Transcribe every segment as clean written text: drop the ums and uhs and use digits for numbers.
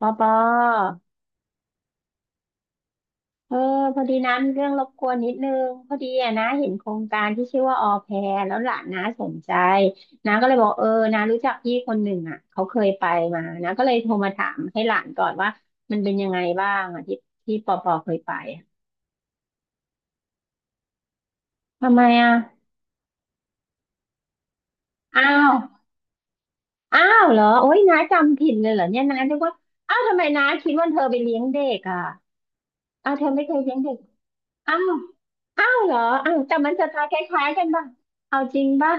ปอปอเออพอดีนะมีเรื่องรบกวนนิดนึงพอดีอะนะเห็นโครงการที่ชื่อว่าออแพรแล้วหลานน้าสนใจน้าก็เลยบอกน้ารู้จักพี่คนหนึ่งอ่ะเขาเคยไปมานะาก็เลยโทรมาถามให้หลานก่อนว่ามันเป็นยังไงบ้างอ่ะที่ปอปอเคยไปอะทำไมอ่ะอ้าวอ้าวเหรอโอ๊ยน้าจำผิดเลยเหรอเนี่ยน้านึกว่าอ้าวทำไมน้าคิดว่าเธอไปเลี้ยงเด็กอ่ะอ้าวเธอไม่เคยเลี้ยงเด็กอ้าวอ้าวเหรออ้าวแต่มันจะตาคล้ายๆกันป่ะเอาจริงป่ะ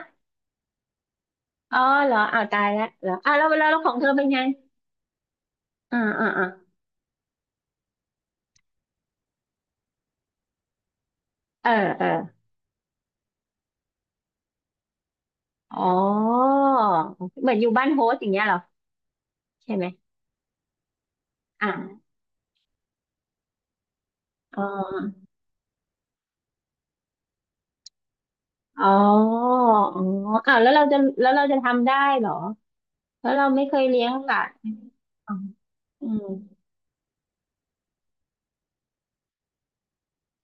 อ๋อเหรออ้าวตายแล้วเหรออ้าวแล้วของเธอเป็นไงอ่าอ่าอ่าเออเอออ๋อเหมือนอยู่บ้านโฮสต์อย่างเงี้ยเหรอใช่ไหมอ่าอ๋ออ๋ออ๋ออ้าวแล้วเราจะทำได้เหรอแล้วเราไม่เคยเลี้ยงหลานอ๋ออืม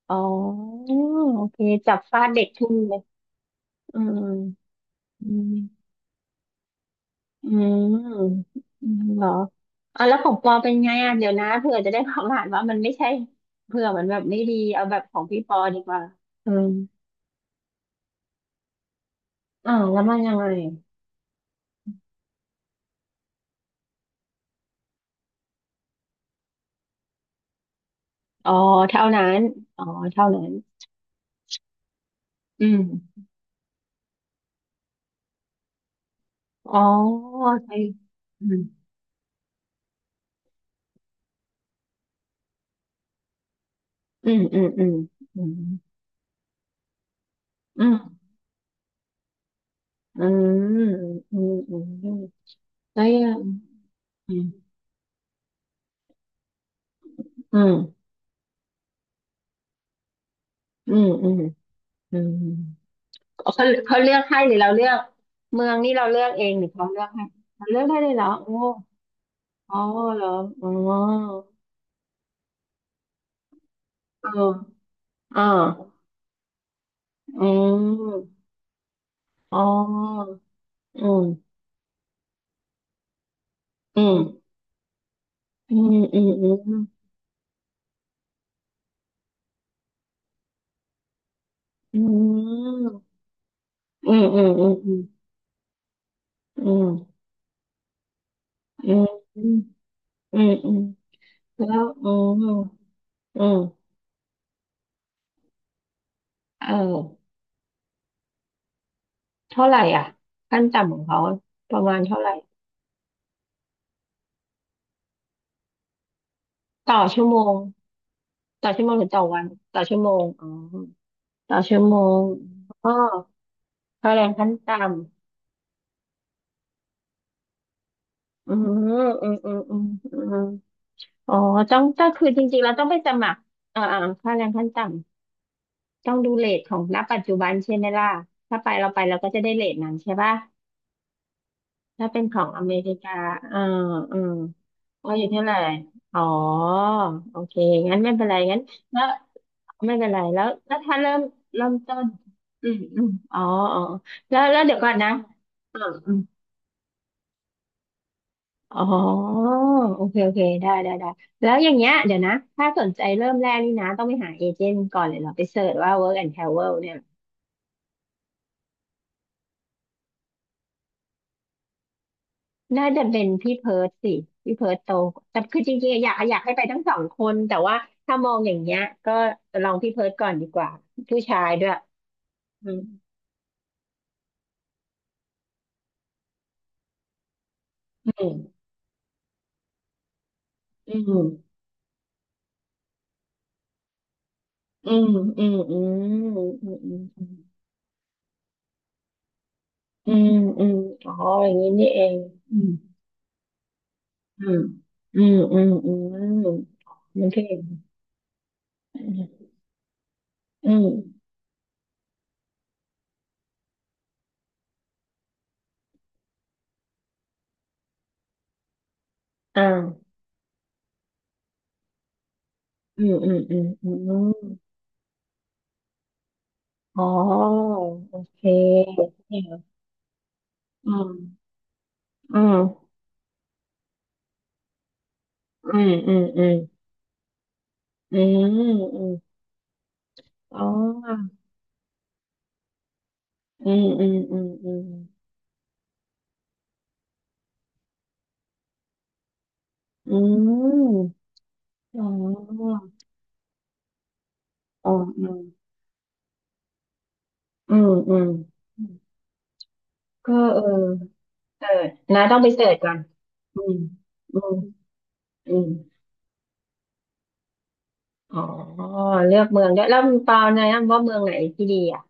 อ๋อโอเคจับฟาดเด็กทุ่เลยอืมอืม อืมอืมเหรออ่ะแล้วของปอเป็นไงอ่ะเดี๋ยวนะเผื่อจะได้ความอ่านว่ามันไม่ใช่เผื่อมันแบบไม่ดีเอาแบบของพี่ปอดีกว่าอืมอ่าวแล้วมันยังไงอ๋อเท่านั้นอ๋อเท่านั้นอืมอ๋อใช่อืมอืมอืมอืมอืมอืมอืมอืมอืมอืมแล้วยังอืมอืมอืมอืมอืม เขาเขาเลือกให้หรือเราเลือกเมืองนี่เราเลือกเองหรือเขาเลือกให้เราเลือกได้เลยเหรอโอ้อ๋อเหรออ๋อเออเอ่าอืมอ๋ออืมอืมอืมอืมอืมอืมอืมอืมอืมอืมอืมอืมอืมอืมแล้วอืมอืมเออเท่าไหร่อ่ะขั้นต่ำของเขาประมาณเท่าไหร่ต่อชั่วโมงต่อชั่วโมงหรือต่อวันต่อชั่วโมงอ๋อ ต่อชั่วโมงอ๋อค่าแรงขั้นต่ำอืมอืมอืมอืมอืมอ๋อต้องก็คือจริงๆ เราต้องไปสมัครอ่าอ่าค่าแรงขั้นต่ำต้องดูเรทของณปัจจุบันใช่ไหมล่ะถ้าไปเราก็จะได้เรทนั้นใช่ป่ะถ้าเป็นของอเมริกาอ่าอืมว่าอยู่เท่าไหร่อ๋อโอเคงั้นไม่เป็นไรงั้นแล้วไม่เป็นไรแล้วแล้วถ้าเริ่มเริ่มต้นอืมอืมอ๋ออ๋อแล้วเดี๋ยวก่อนนะอืม อ๋อโอเคโอเคได้ได้ได้แล้วอย่างเงี้ยเดี๋ยวนะถ้าสนใจเริ่มแรกนี่นะต้องไปหาเอเจนต์ก่อนเลยเหรอไปเสิร์ชว่า Work and Travel เนี่ยน่าจะเป็นพี่เพิร์ทสิพี่เพิร์ทโตแต่คือจริงๆอยากให้ไปทั้งสองคนแต่ว่าถ้ามองอย่างเงี้ยก็ลองพี่เพิร์ทก่อนดีกว่าผู้ชายด้วยอืมอืมอืมอืมอืมอืมอืมอืมอืมอืมอ๋ออย่างนี้นี่เองอืมอืมอืมอืมอืมโอเค อืมอ่าอืมอืมอืมอืมอ๋อโอเคเนี่ยอืมอืมอืมอืมอืมอืมอืมอ๋ออืมอืมอืมอืมอืมอ๋ออ๋ออืมอืมอืมก็เออเออนะต้องไปเสิร์ชก่อนอืมอืมอืมอ๋อเลือกเมืองด้วยแล้วเปาแนะนำว่าเมืองไหนที่ดีอ่ะ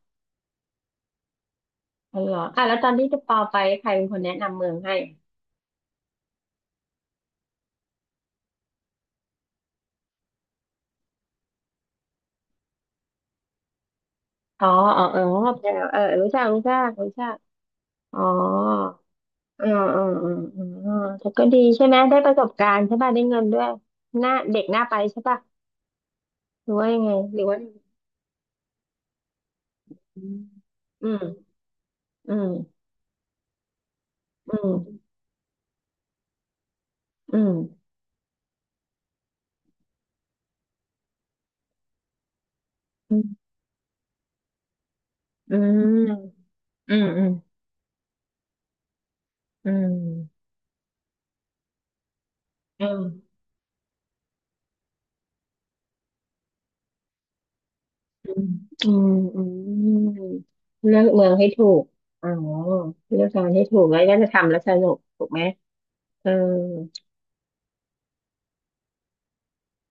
อ๋อเหรออ่ะแล้วตอนที่จะเปาไปใครเป็นคนแนะนำเมืองให้ อ๋ออ๋อเออแพรวเออรู้จักอ๋ออืมอืมอืมอืมแต่ก็ดีใช่ไหม ได้ประสบการณ์ใช่ป่ะได้เงินด้วยหน้าเด็กหน้าไปใช่ป่ะหรือว่ายังไงหรือว่าอืมอืมอืมอืมอืมอืมอืมอืมอืมอืมอืมอืมอืมอืมเลือกเมืองให้ถูก อ๋อเลือกงานให้ถูกแล้วก็จะทำแล้วสนุกถูกไหม เออ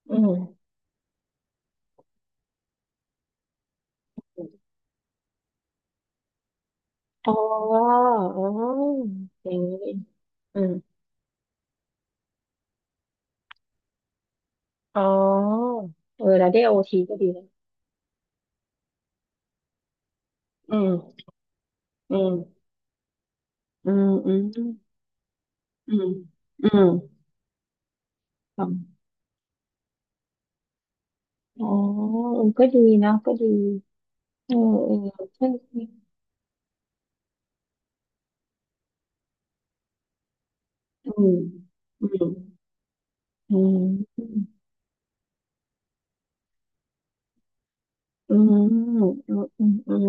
อืม อ๋ออ๋ออย่างนี้นี่อืมอ๋อเออแล้วได้โอทีก็ดีนะอืมอืมอืมอืมอืมอืมอ๋ออ๋อเออก็ดีนะก็ดีเออเออใช่ใช่อืมอืมอืมอืมอืมอืมอืม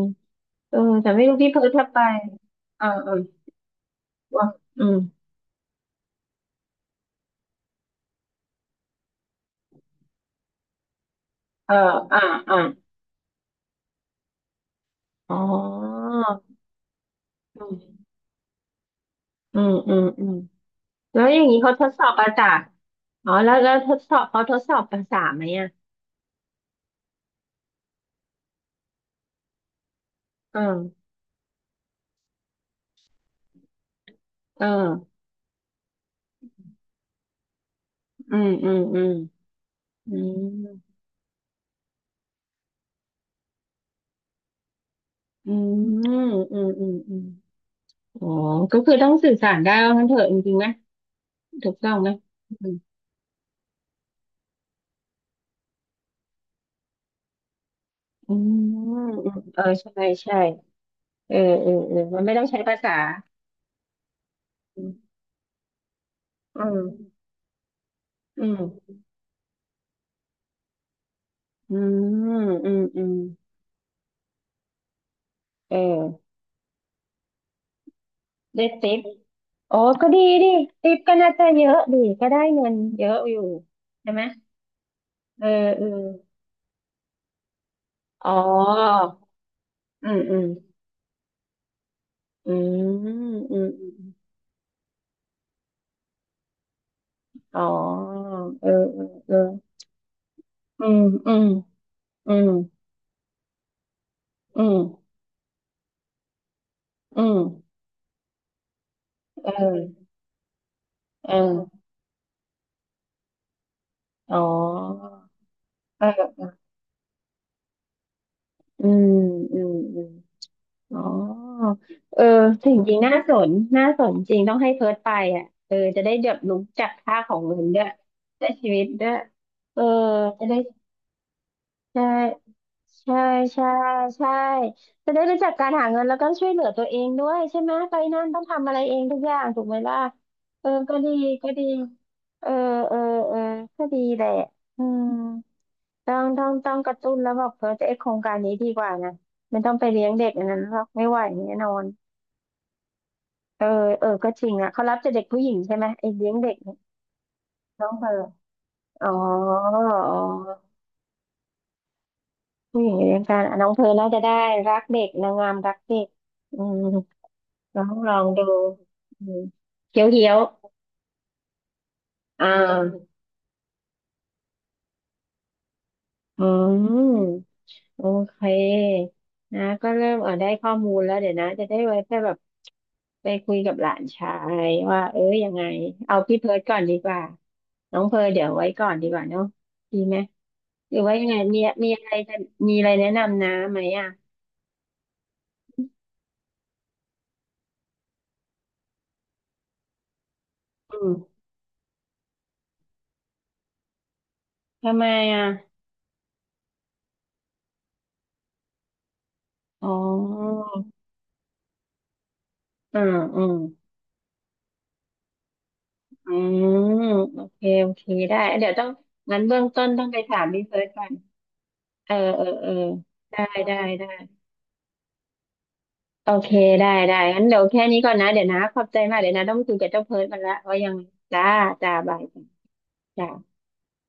เออแต่ไม่รู้พี่เพิร์ทถ้าไปอ่าอ่าว่าอืมเอออ่าอ่าอ๋ออืมอืมอืม แล้วอย่างนี้เขาทดสอบภาษาอ๋อแล้วทดสอบเขาทดสอบภาษาไหมอ่ะเออเอออืมอืมอืมอืมอืมอืมอืมอืมอ๋อก็คือต้องสื่อสารได้ว่างั้นเถอะจริงๆนะถูกต้องไหมอืมอืมอืมเออใช่เออเออเออมันไม่ต้องใช้ภาษาอืมอืมอืมอืมอืมอืมเออได้ติปโอ้ก็ดีดิติปก็น่าจะเยอะดีก็ได้เงินเยอะอยู่ใช่ไหม เออเอออ๋ออืมอืมอืมอืมอืมอ๋อเออเออเอออืมอืมอืมอืมอืมเออเอออ๋อเออเอออืมอืมอืมอ๋อเออจริงจริงน่าสนน่าสนจริงต้องให้เพิร์ทไปอ่ะเออจะได้แบบรู้จักค่าของเงินด้วยได้ชีวิตด้วยเออจะได้ ใช่ ใช่ ใช่ใช่จะได้รู้จักการหาเงินแล้วก็ช่วยเหลือตัวเองด้วยใช่ไหมไปนั่นต้องทำอะไรเองทุกอย่างถูกไหมล่ะเออก็ดีก็ดีเออเออเออก็ดีแหละอืมต้องกระตุ้นแล้วบอกเพอจะไอโครงการนี้ดีกว่านะไม่ต้องไปเลี้ยงเด็กอันนั้นหรอกไม่ไหวแน่นอนเออเออก็จริงอ่ะเขารับแต่เด็กผู้หญิงใช่ไหมไอเลี้ยงเด็กเนี่ยน้องเธออ๋ออ๋อ ผู้หญิงในวงการอ่ะน้องเพร์ลน่าจะได้รักเด็กนางงามรักเด็กอืมลองดูอืมเขียวเขียวอ่าอืมโอเคนะก็เริ่มเออได้ข้อมูลแล้วเดี๋ยวนะจะได้ไว้แค่แบบไปคุยกับหลานชายว่าเอ้ยยังไงเอาพี่เพิร์ดก่อนดีกว่าน้องเพร์ลเดี๋ยวไว้ก่อนดีกว่าเนาะดีไหมหรือว่ายังไงมีอะไรจะมีอะไรแนะนำนะไหมอ่ะอืมทำไมอ่ะอ๋ออืมอืม อืมโอเคโอเคได้เดี๋ยวต้องงั้นเบื้องต้นต้องไปถามพี่เฟิร์สก่อนเออเออเออได้ได้ได้โอเคได้งั้นเดี๋ยวแค่นี้ก่อนนะเดี๋ยวนะขอบใจมากเดี๋ยวนะต้องคุยกับเจ้าเพิร์ดมันละว่ายังจ้าจ้าบายจ้า